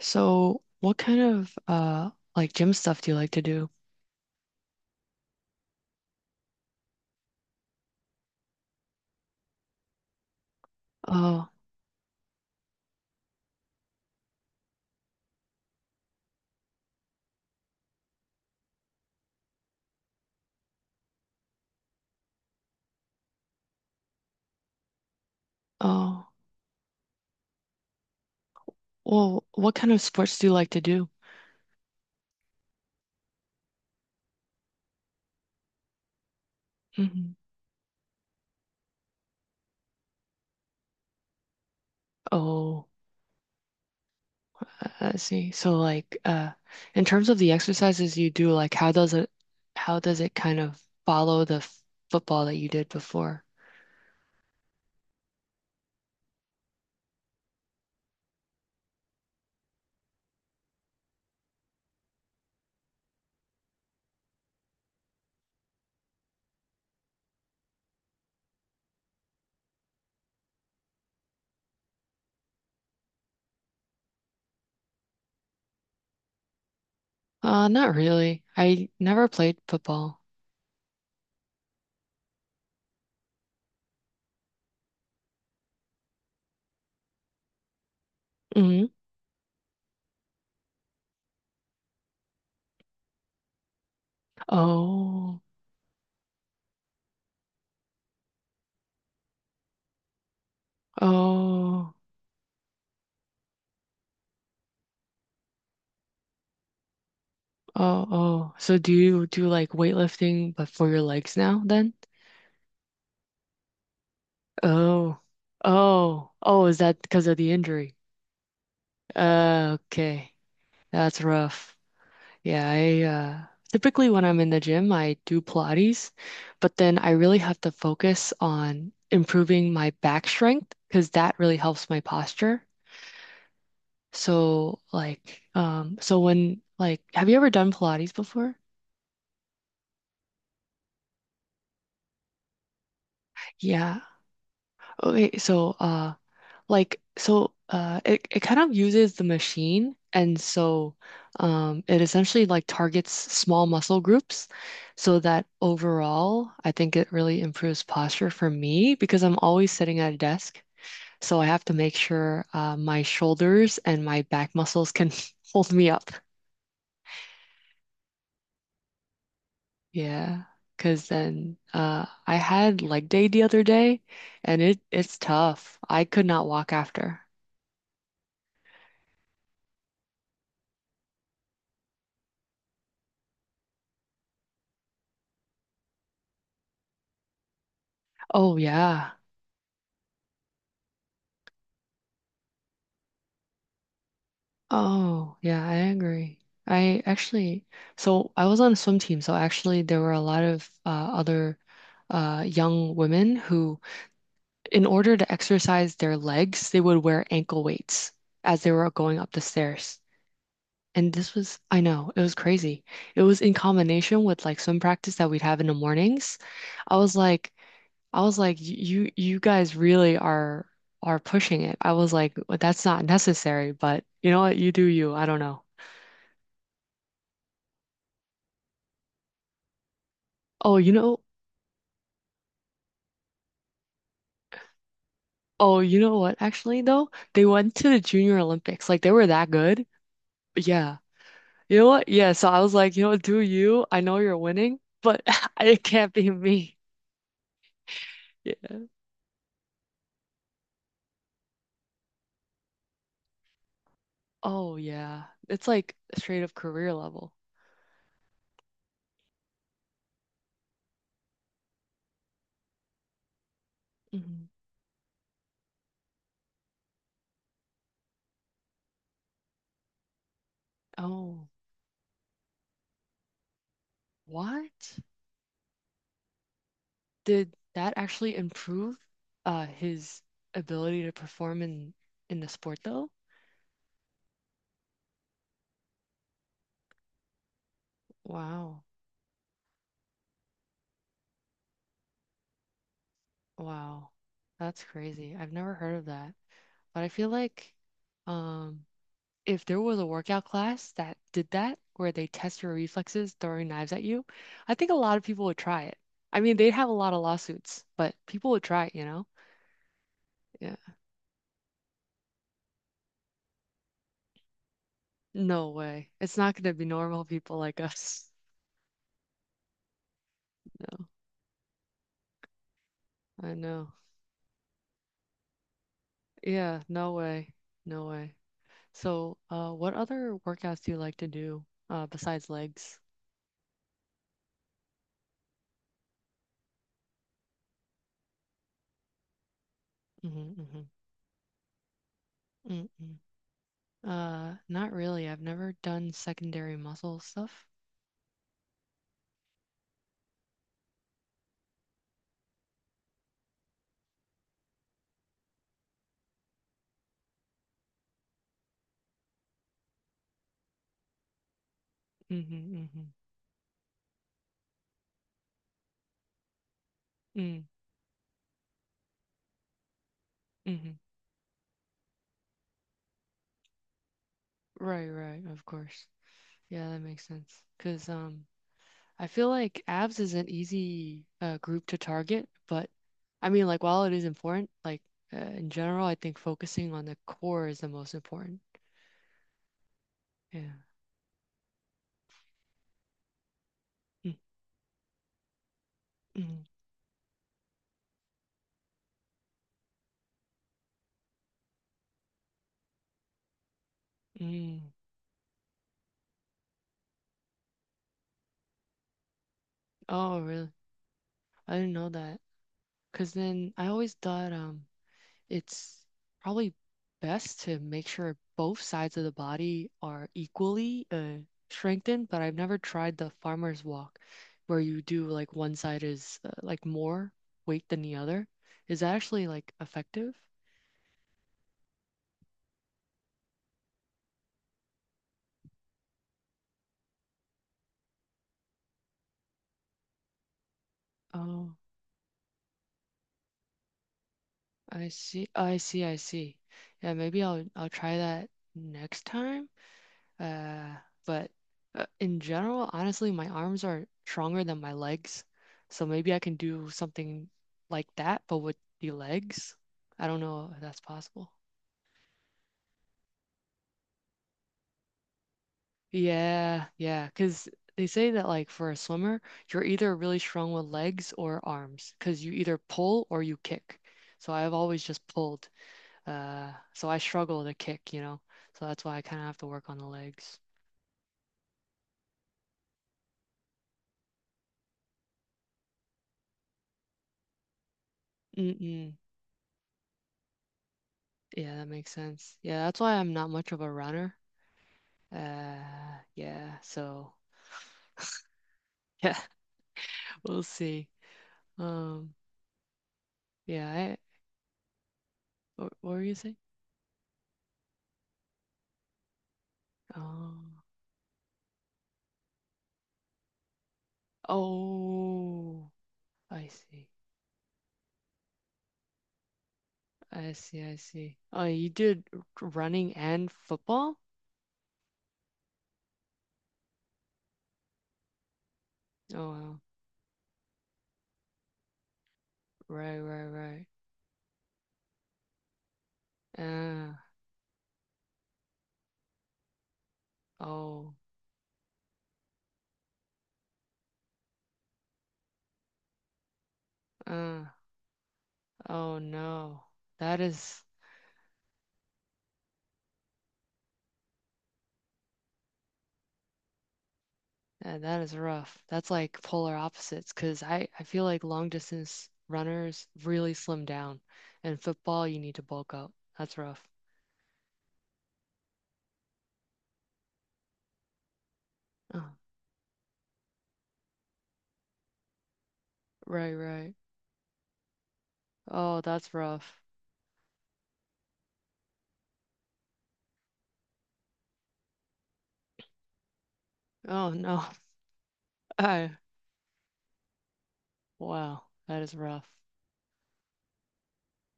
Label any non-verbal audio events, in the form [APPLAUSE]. So, what kind of like gym stuff do you like to do? Oh, oh. Well, what kind of sports do you like to do? Hmm. Oh, I see. So like in terms of the exercises you do, like how does it kind of follow the football that you did before? Not really. I never played football. Hmm. Oh, oh, oh, oh. So do you do like weightlifting but for your legs now then? Oh, oh, oh, is that because of the injury? Okay, that's rough. Yeah, I typically when I'm in the gym, I do Pilates, but then I really have to focus on improving my back strength because that really helps my posture. So, have you ever done Pilates before? Yeah. Okay, so it, it kind of uses the machine, and so it essentially like targets small muscle groups, so that overall I think it really improves posture for me because I'm always sitting at a desk, so I have to make sure my shoulders and my back muscles can [LAUGHS] hold me up. Yeah, because then I had leg day the other day, and it's tough. I could not walk after. Oh yeah. Oh, yeah, I agree. I actually, so I was on a swim team, so actually there were a lot of other young women who, in order to exercise their legs, they would wear ankle weights as they were going up the stairs. And this was, I know, it was crazy. It was in combination with like swim practice that we'd have in the mornings. I was like, I was like, "You guys really are pushing it." I was like, "Well, that's not necessary, but you know what, you do you. I don't know." Oh, you know, oh, you know what? Actually, though, they went to the Junior Olympics. Like they were that good. Yeah. You know what? Yeah, so I was like, you know what, do you? I know you're winning, but [LAUGHS] it can't be me. Yeah. Oh yeah. It's like straight up career level. Hmm. Oh, what? Did that actually improve his ability to perform in the sport though? Wow. Wow. That's crazy. I've never heard of that. But I feel like um if there was a workout class that did that, where they test your reflexes throwing knives at you, I think a lot of people would try it. I mean, they'd have a lot of lawsuits, but people would try it, you know? Yeah. No way. It's not going to be normal people like [LAUGHS] us. I know. Yeah, no way. No way. So, what other workouts do you like to do besides legs? Hmm, hmm. Mm-mm. Not really. I've never done secondary muscle stuff. Mm-hmm, mm-hmm, mm-hmm. Mm-hmm. Right, right, of course. Yeah, that makes sense. 'Cause I feel like abs is an easy group to target, but I mean like while it is important, like in general, I think focusing on the core is the most important. Yeah. Mm, mm, mm. Oh, really? I didn't know that. 'Cause then I always thought it's probably best to make sure both sides of the body are equally strengthened, but I've never tried the farmer's walk where you do like one side is like more weight than the other. Is that actually like effective? Oh, I see. I see. I see. Yeah, maybe I'll try that next time. Uh, but in general, honestly, my arms are stronger than my legs. So maybe I can do something like that, but with the legs. I don't know if that's possible. Yeah, yeah, because they say that like for a swimmer, you're either really strong with legs or arms, because you either pull or you kick. So I've always just pulled. So I struggle to kick, you know. So that's why I kind of have to work on the legs. Mm-mm. Yeah, that makes sense. Yeah, that's why I'm not much of a runner. Yeah, yeah, [LAUGHS] we'll see. Um, yeah, I, what were you saying? Oh, oh, I see. I see, I see. Oh, you did running and football? Oh, wow. Right, right, right. Uh, oh, uh, oh no. That is— Yeah, that is rough. That's like polar opposites because I feel like long distance runners really slim down, and football, you need to bulk up. That's rough. Oh, right, right. Oh, that's rough. Oh, no. [LAUGHS] I, wow, that is rough.